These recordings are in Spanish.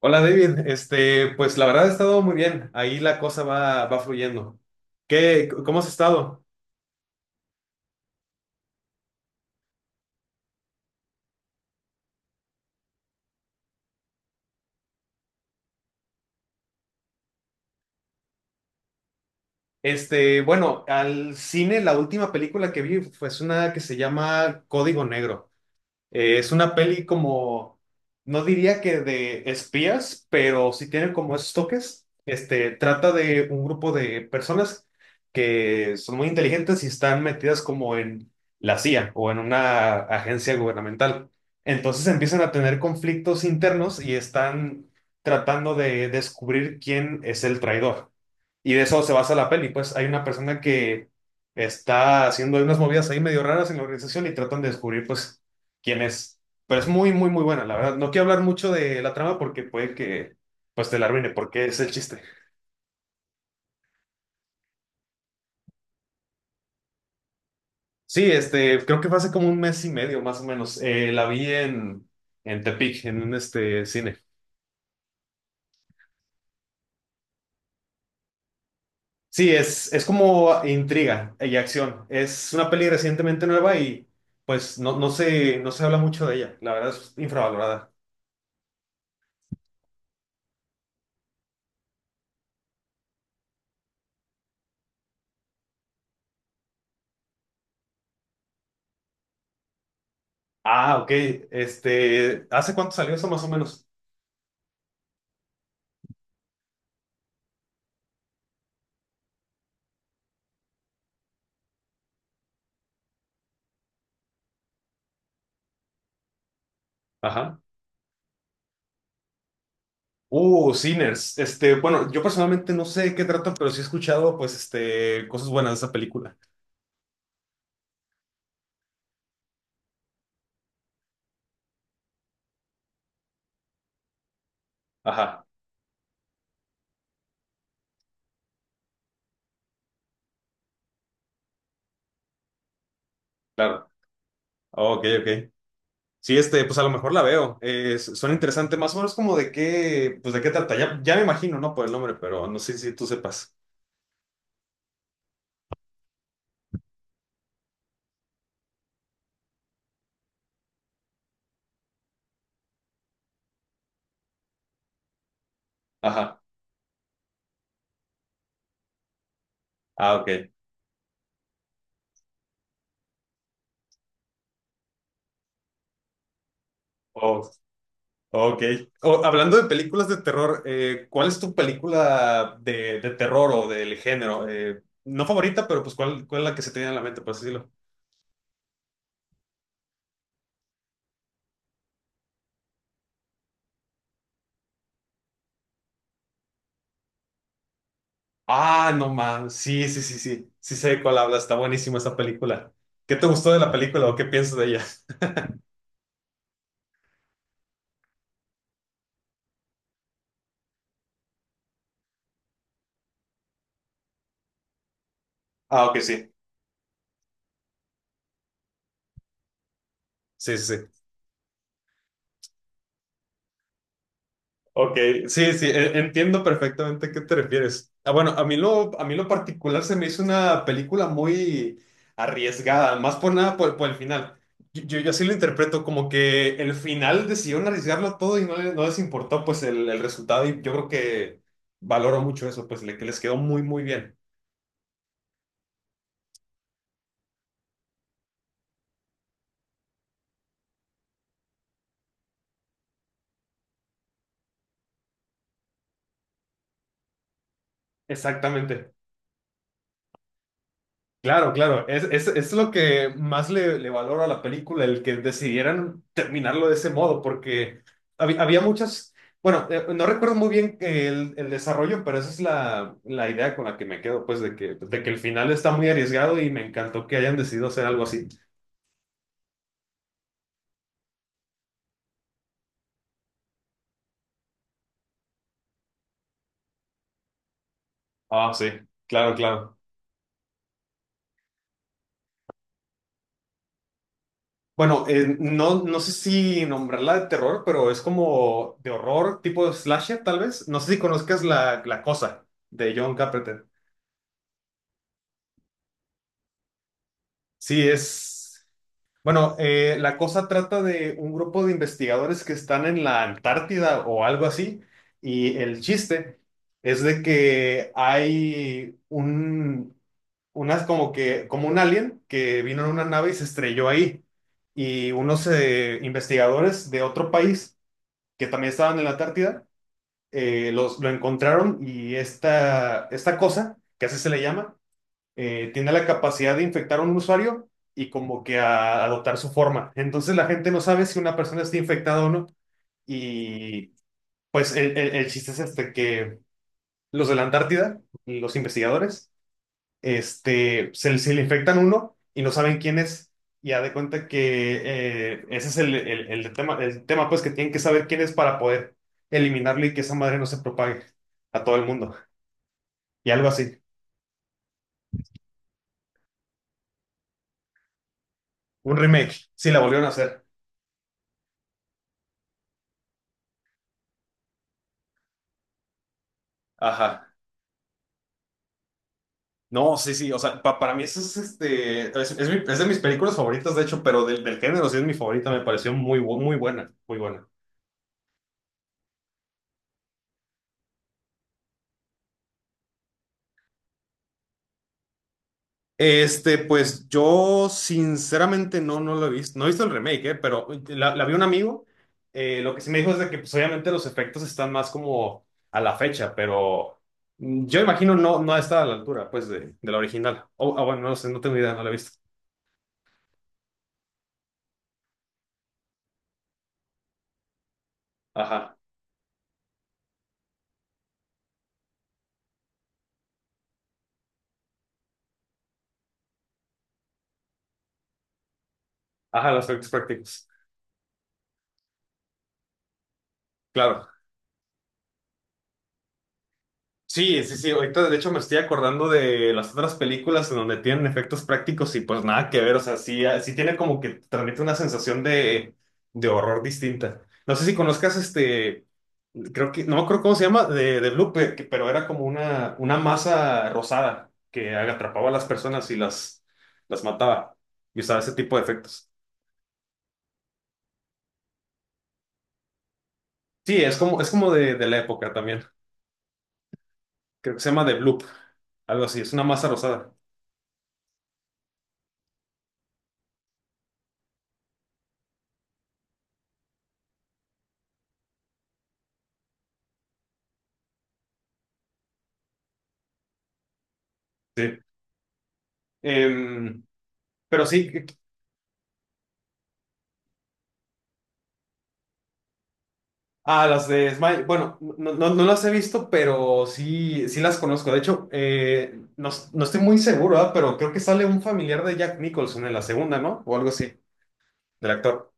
Hola David, pues la verdad ha estado muy bien, ahí la cosa va fluyendo. ¿Qué, cómo has estado? Bueno, al cine la última película que vi fue una que se llama Código Negro. Es una peli como, no diría que de espías, pero sí tiene como esos toques. Trata de un grupo de personas que son muy inteligentes y están metidas como en la CIA o en una agencia gubernamental. Entonces empiezan a tener conflictos internos y están tratando de descubrir quién es el traidor. Y de eso se basa la peli. Pues hay una persona que está haciendo unas movidas ahí medio raras en la organización y tratan de descubrir, pues, quién es. Pero es muy, muy, muy buena, la verdad. No quiero hablar mucho de la trama porque puede que, pues, te la arruine, porque es el chiste. Sí, creo que fue hace como un mes y medio, más o menos. La vi en Tepic, en un cine. Sí, es como intriga y acción. Es una peli recientemente nueva y, pues, no se habla mucho de ella. La verdad es infravalorada. Ah, ok. ¿Hace cuánto salió eso más o menos? Ajá. Sinners. Bueno, yo personalmente no sé de qué trata, pero sí he escuchado, pues, cosas buenas de esa película. Ajá, claro. Ok, ok. Sí, pues a lo mejor la veo. Suena interesante, más o menos como de qué, pues de qué trata. Ya me imagino, ¿no? Por el nombre, pero no sé si tú sepas. Ajá. Ah, ok. Ok. Hablando de películas de terror, ¿cuál es tu película de terror o del género? No favorita, pero pues ¿cuál, cuál es la que se te viene a la mente, por así decirlo? Ah, no más. Sí, sí, sí, sí. Sí sé de cuál habla. Está buenísima esa película. ¿Qué te gustó de la película o qué piensas de ella? Ah, ok, sí. Sí, sí, sí. Ok, sí, sí, entiendo perfectamente a qué te refieres. Ah, bueno, a mí lo particular se me hizo una película muy arriesgada, más por nada por el final. Yo así lo interpreto, como que el final decidieron arriesgarlo todo y no les importó pues el resultado y yo creo que valoro mucho eso, pues que les quedó muy, muy bien. Exactamente. Claro, claro, es lo que más le valoro a la película, el que decidieran terminarlo de ese modo, porque había muchas, bueno, no recuerdo muy bien el desarrollo, pero esa es la idea con la que me quedo, pues de de que el final está muy arriesgado y me encantó que hayan decidido hacer algo así. Ah, sí, claro, claro. Bueno, no sé si nombrarla de terror, pero es como de horror, tipo slasher, tal vez. No sé si conozcas la cosa de John Carpenter. Sí, es. Bueno, la cosa trata de un grupo de investigadores que están en la Antártida o algo así, y el chiste es de que hay unas como como un alien que vino en una nave y se estrelló ahí, y unos investigadores de otro país que también estaban en la Antártida, lo encontraron y esta cosa, que así se le llama, tiene la capacidad de infectar a un usuario y como que a adoptar su forma. Entonces la gente no sabe si una persona está infectada o no. Y pues el chiste es este, que los de la Antártida, los investigadores, se le infectan uno y no saben quién es. Y ya de cuenta que ese es el tema, pues que tienen que saber quién es para poder eliminarlo y que esa madre no se propague a todo el mundo. Y algo así. Un remake. Sí, la volvieron a hacer. Ajá. No, sí, sí, o sea, para mí eso es es de mis películas favoritas, de hecho, pero del género sí es mi favorita, me pareció muy buena, muy buena. Pues yo sinceramente no lo he visto, no he visto el remake, pero la vi un amigo, lo que sí me dijo es de que pues, obviamente los efectos están más como a la fecha, pero yo imagino no está a la altura, pues, de la original. Ah, bueno, no sé, no tengo idea, no la he visto. Ajá, ajá, los efectos prácticos, claro. Sí, sí, sí. Ahorita, de hecho, me estoy acordando de las otras películas en donde tienen efectos prácticos y pues nada que ver. O sea, sí, ah, sí tiene como que transmite una sensación de horror distinta. No sé si conozcas creo no me acuerdo cómo se llama, de Blue, pero era como una masa rosada que atrapaba a las personas y las mataba. Y usaba ese tipo de efectos. Sí, es como de la época también. Creo que se llama The Bloop, algo así. Es una masa rosada. Sí. Em, pero sí, ah, las de Smile. Bueno, no las he visto, pero sí, sí las conozco. De hecho, no estoy muy seguro, ¿verdad? Pero creo que sale un familiar de Jack Nicholson en la segunda, ¿no? O algo así, del actor.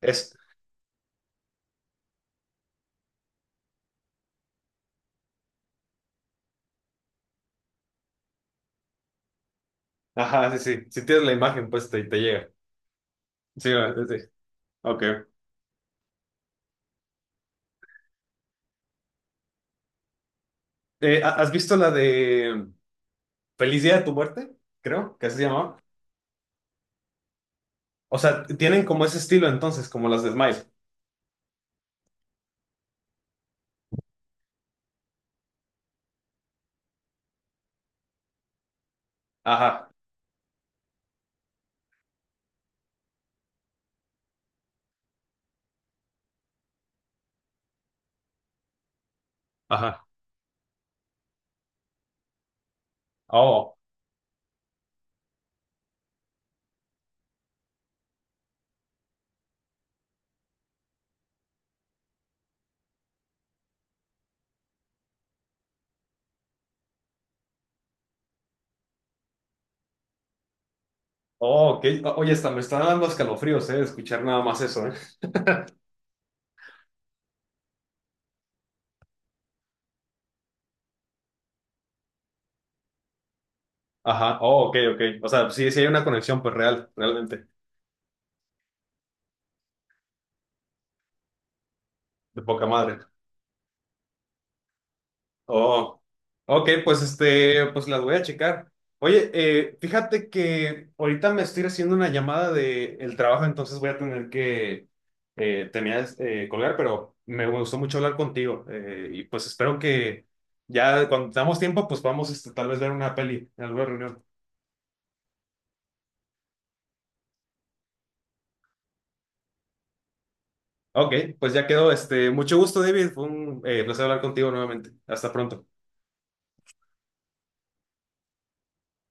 Es. Ajá, sí, sí. Si tienes la imagen, pues te llega. Sí, ¿verdad? Sí. Sí. Ok. ¿Has visto la de Feliz Día de tu Muerte? Creo que así se llamaba. O sea, tienen como ese estilo entonces, como las de Smile. Ajá, ajá. Oh, oh, ok. Oye, hasta me están dando escalofríos, ¿eh? Escuchar nada más eso, ¿eh? Ajá, oh, ok, ok. O sea, sí, sí hay una conexión, pues realmente, de poca madre. Oh, ok, pues pues las voy a checar. Oye, fíjate que ahorita me estoy haciendo una llamada de el trabajo, entonces voy a tener que terminar colgar, pero me gustó mucho hablar contigo. Y pues espero que ya cuando tengamos tiempo, pues vamos tal vez ver una peli en alguna reunión. Ok, pues ya quedó. Mucho gusto, David. Fue un placer hablar contigo nuevamente. Hasta pronto.